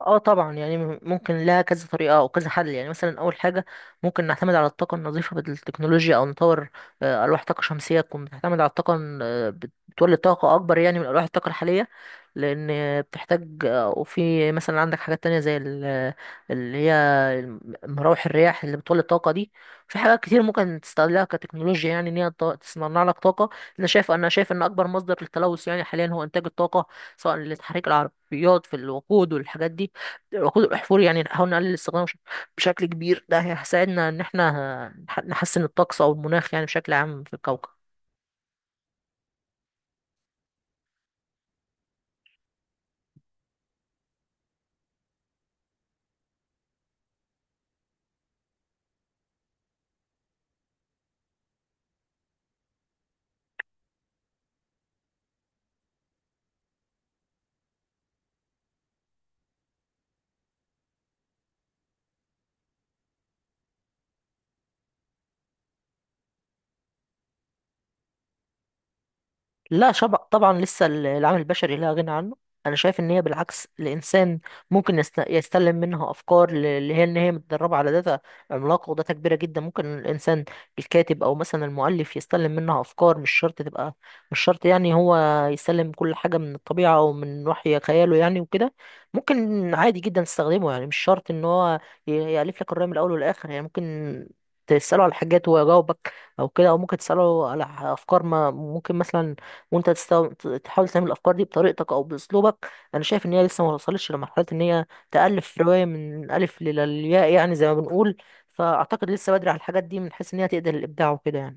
اه طبعا يعني ممكن لها كذا طريقة او كذا حل. يعني مثلا اول حاجة ممكن نعتمد على الطاقة النظيفة بالتكنولوجيا او نطور الواح طاقة شمسية تكون بتعتمد على الطاقة ال- آه، بت- بتولد طاقة اكبر يعني من الواح الطاقة الحالية، لان بتحتاج وفي مثلا عندك حاجات تانية زي اللي هي مراوح الرياح اللي بتولد طاقة دي. في حاجات كتير ممكن تستغلها كتكنولوجيا، يعني ان هي تصنع لك طاقة. انا شايف ان اكبر مصدر للتلوث يعني حاليا هو انتاج الطاقة، سواء لتحريك العربيات في الوقود والحاجات دي، خضار وحفور. يعني نحاول نقلل استخدامه بشكل كبير، ده هيساعدنا ان احنا نحسن الطقس او المناخ يعني بشكل عام في الكوكب. لا شبع، طبعا لسه العامل البشري لا غنى عنه. انا شايف ان هي بالعكس، الانسان ممكن يستلم منها افكار، اللي هي ان هي متدربه على داتا عملاقه وداتا كبيره جدا. ممكن الانسان الكاتب او مثلا المؤلف يستلم منها افكار، مش شرط تبقى، مش شرط يعني هو يستلم كل حاجه من الطبيعه او من وحي خياله يعني وكده. ممكن عادي جدا تستخدمه، يعني مش شرط ان هو يالف لك الروايه من الاول والاخر. يعني ممكن تساله على حاجات ويجاوبك او كده، او ممكن تساله على افكار ما، ممكن مثلا وانت تستو... تحاول تعمل الافكار دي بطريقتك او باسلوبك. انا شايف ان هي لسه ما وصلتش لمرحله ان هي تالف روايه من الف للياء، يعني زي ما بنقول. فاعتقد لسه بدري على الحاجات دي من حيث ان هي تقدر الابداع وكده يعني.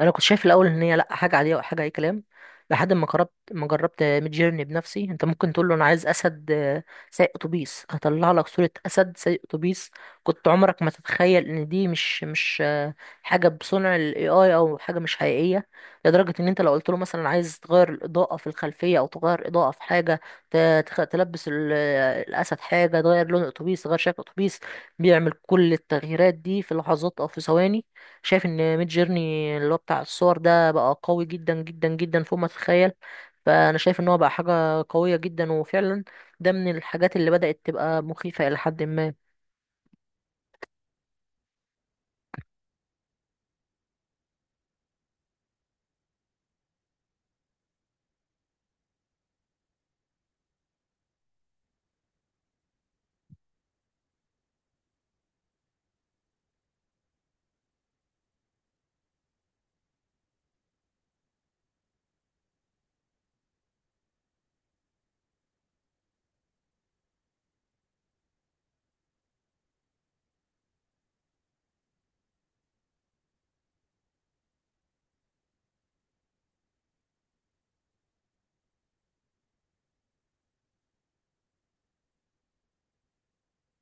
انا كنت شايف الاول ان هي لا حاجه عاديه وحاجه اي كلام، لحد ما جربت ميد جيرني بنفسي. انت ممكن تقول له انا عايز اسد سايق اتوبيس، هطلع لك صوره اسد سايق اتوبيس. كنت عمرك ما تتخيل ان دي مش حاجه بصنع الاي اي او حاجه مش حقيقيه. لدرجه ان انت لو قلت له مثلا عايز تغير الاضاءه في الخلفيه او تغير اضاءه في حاجه، تلبس الاسد حاجه، تغير لون اتوبيس، تغير شكل اتوبيس، بيعمل كل التغييرات دي في لحظات او في ثواني. شايف ان ميد جيرني اللي هو بتاع الصور ده بقى قوي جدا جدا جدا فوق ما تتخيل. فانا شايف ان هو بقى حاجه قويه جدا، وفعلا ده من الحاجات اللي بدات تبقى مخيفه الى حد ما.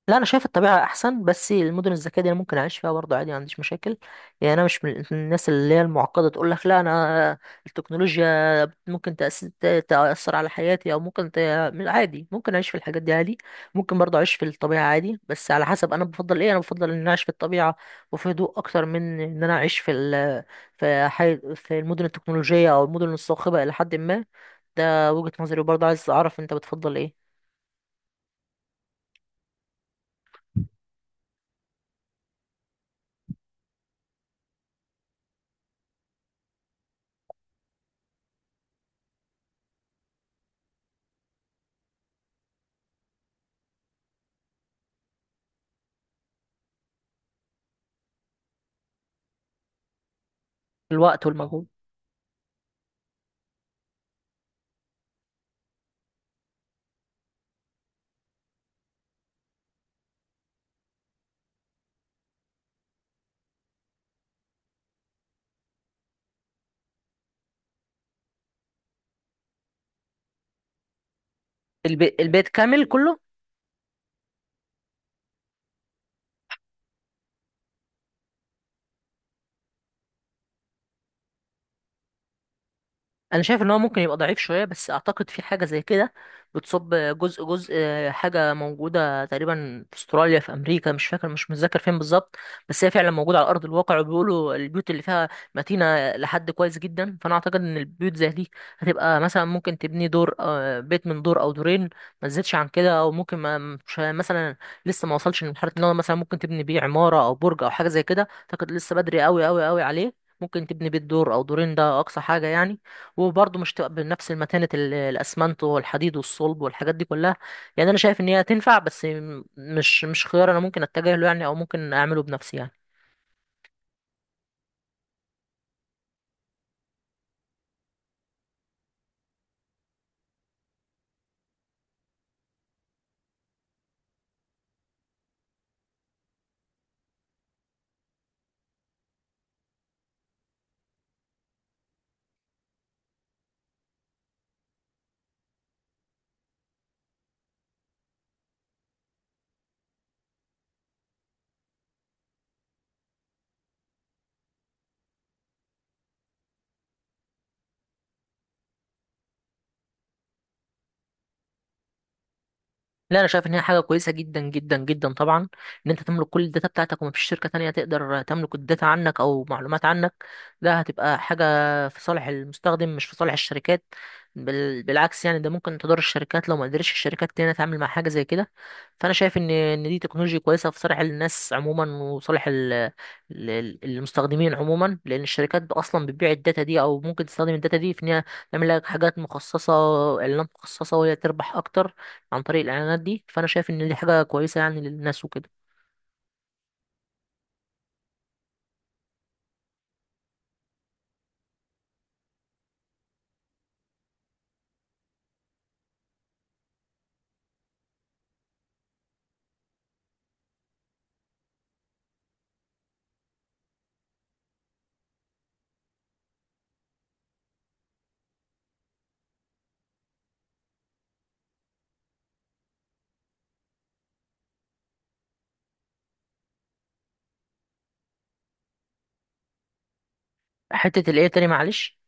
لا انا شايف الطبيعه احسن، بس المدن الذكيه دي انا ممكن اعيش فيها برضه عادي، ما عنديش مشاكل. يعني انا مش من الناس اللي هي المعقده، تقول لك لا انا التكنولوجيا ممكن تأثر على حياتي من- عادي ممكن أعيش في الحاجات دي عادي. ممكن برضه أعيش في الطبيعة عادي، بس على حسب أنا بفضل إيه. أنا بفضل إن أنا أعيش في الطبيعة وفي هدوء أكتر من إن أنا أعيش في في المدن التكنولوجية أو المدن الصاخبة إلى حد ما. ده وجهة نظري، وبرضه عايز أعرف أنت بتفضل إيه. الوقت والمجهود. البيت كامل كله؟ انا شايف ان هو ممكن يبقى ضعيف شويه، بس اعتقد في حاجه زي كده بتصب جزء جزء. حاجه موجوده تقريبا في استراليا في امريكا، مش فاكر مش متذكر فين بالظبط، بس هي فعلا موجوده على ارض الواقع، وبيقولوا البيوت اللي فيها متينه لحد كويس جدا. فانا اعتقد ان البيوت زي دي هتبقى مثلا ممكن تبني دور، بيت من دور او دورين، ما تزيدش عن كده. او ممكن ما، مش مثلا، لسه ما وصلش لمرحله ان هو مثلا ممكن تبني بيه عماره او برج او حاجه زي كده. اعتقد لسه بدري قوي قوي قوي عليه. ممكن تبني بيت دور او دورين، ده اقصى حاجه يعني. وبرضه مش تبقى بنفس المتانة، الأسمنت والحديد والصلب والحاجات دي كلها. يعني أنا شايف إن هي تنفع، بس مش خيار أنا ممكن أتجه له يعني، أو ممكن أعمله بنفسي يعني. لا انا شايف ان هي حاجه كويسه جدا جدا جدا طبعا، ان انت تملك كل الداتا بتاعتك، ومفيش شركه تانية تقدر تملك الداتا عنك او معلومات عنك. ده هتبقى حاجه في صالح المستخدم، مش في صالح الشركات. بالعكس يعني، ده ممكن تضر الشركات لو ما قدرتش الشركات تانية تتعامل مع حاجه زي كده. فانا شايف ان دي تكنولوجيا كويسه في صالح الناس عموما، وصالح المستخدمين عموما، لان الشركات اصلا بتبيع الداتا دي، او ممكن تستخدم الداتا دي في ان هي تعمل لك حاجات مخصصه، اعلانات مخصصه، وهي تربح اكتر عن طريق الاعلانات دي. فانا شايف ان دي حاجه كويسه يعني للناس وكده. حته الايه تاني معلش؟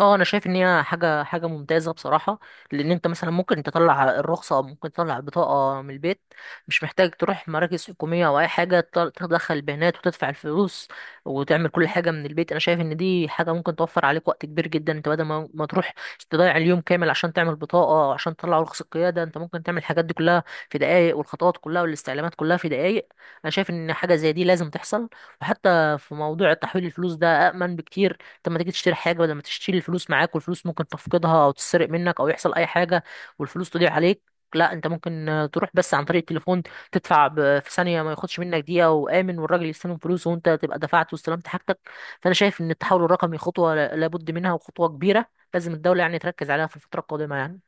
اه انا شايف ان هي حاجه ممتازه بصراحه. لان انت مثلا ممكن تطلع الرخصه او ممكن تطلع البطاقه من البيت، مش محتاج تروح مراكز حكوميه او اي حاجه. تدخل البيانات وتدفع الفلوس وتعمل كل حاجه من البيت. انا شايف ان دي حاجه ممكن توفر عليك وقت كبير جدا. انت بدل ما تروح تضيع اليوم كامل عشان تعمل بطاقه، او عشان تطلع رخصه قياده، انت ممكن تعمل الحاجات دي كلها في دقائق، والخطوات كلها والاستعلامات كلها في دقائق. انا شايف ان حاجه زي دي لازم تحصل. وحتى في موضوع تحويل الفلوس، ده أأمن بكتير. انت لما تيجي تشتري حاجه، بدل ما تشتري الفلوس معاك والفلوس ممكن تفقدها او تتسرق منك او يحصل اي حاجه والفلوس تضيع عليك، لا انت ممكن تروح بس عن طريق التليفون، تدفع في ثانيه، ما ياخدش منك دقيقه، وامن، والراجل يستلم فلوس وانت تبقى دفعت واستلمت حاجتك. فانا شايف ان التحول الرقمي خطوه لابد منها، وخطوه كبيره لازم الدوله يعني تركز عليها في الفتره القادمه يعني.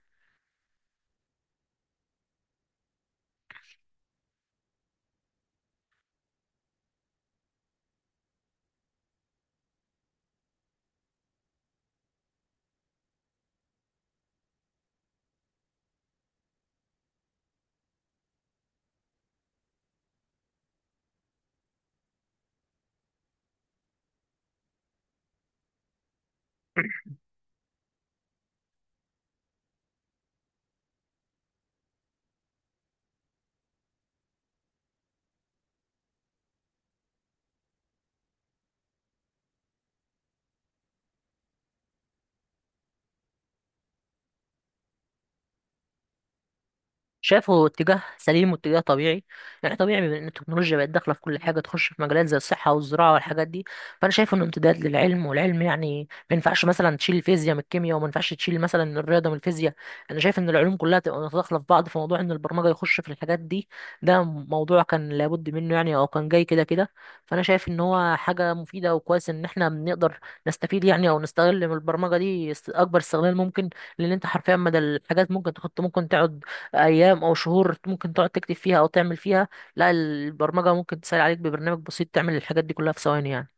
شايفه اتجاه سليم واتجاه طبيعي. يعني طبيعي، بما ان التكنولوجيا بقت داخله في كل حاجه، تخش في مجالات زي الصحه والزراعه والحاجات دي. فانا شايف انه امتداد للعلم، والعلم يعني ما ينفعش مثلا تشيل الفيزياء من الكيمياء، وما ينفعش تشيل مثلا الرياضه من الفيزياء. انا شايف ان العلوم كلها تبقى متداخله في بعض. في موضوع ان البرمجه يخش في الحاجات دي، ده موضوع كان لابد منه يعني، او كان جاي كده كده. فانا شايف ان هو حاجه مفيده، وكويس ان احنا بنقدر نستفيد يعني او نستغل من البرمجه دي اكبر استغلال ممكن. لان انت حرفيا مدى الحاجات ممكن تحط، ممكن تقعد ايام او شهور ممكن تقعد تكتب فيها او تعمل فيها. لا، البرمجه ممكن تسهل عليك ببرنامج بسيط تعمل الحاجات دي كلها في ثواني يعني.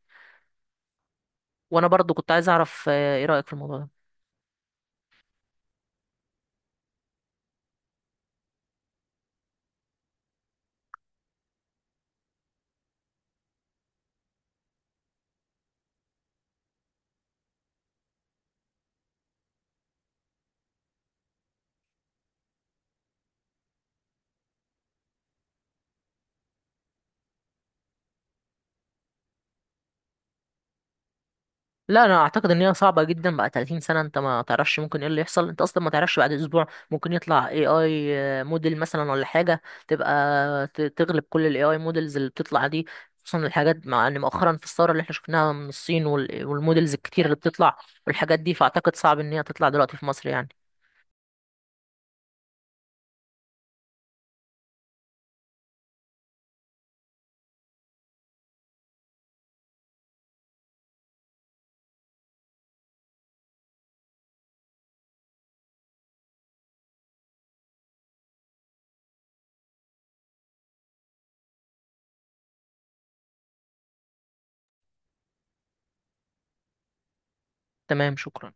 وانا برضو كنت عايز اعرف ايه رايك في الموضوع ده. لا انا اعتقد ان هي صعبه جدا. بقى 30 سنه، انت ما تعرفش ممكن ايه اللي يحصل. انت اصلا ما تعرفش بعد اسبوع ممكن يطلع اي اي موديل مثلا ولا حاجه تبقى تغلب كل الاي اي موديلز اللي بتطلع دي، خصوصا الحاجات، مع ان مؤخرا في الثوره اللي احنا شفناها من الصين والموديلز الكتير اللي بتطلع والحاجات دي. فاعتقد صعب ان هي تطلع دلوقتي في مصر يعني. تمام شكرا.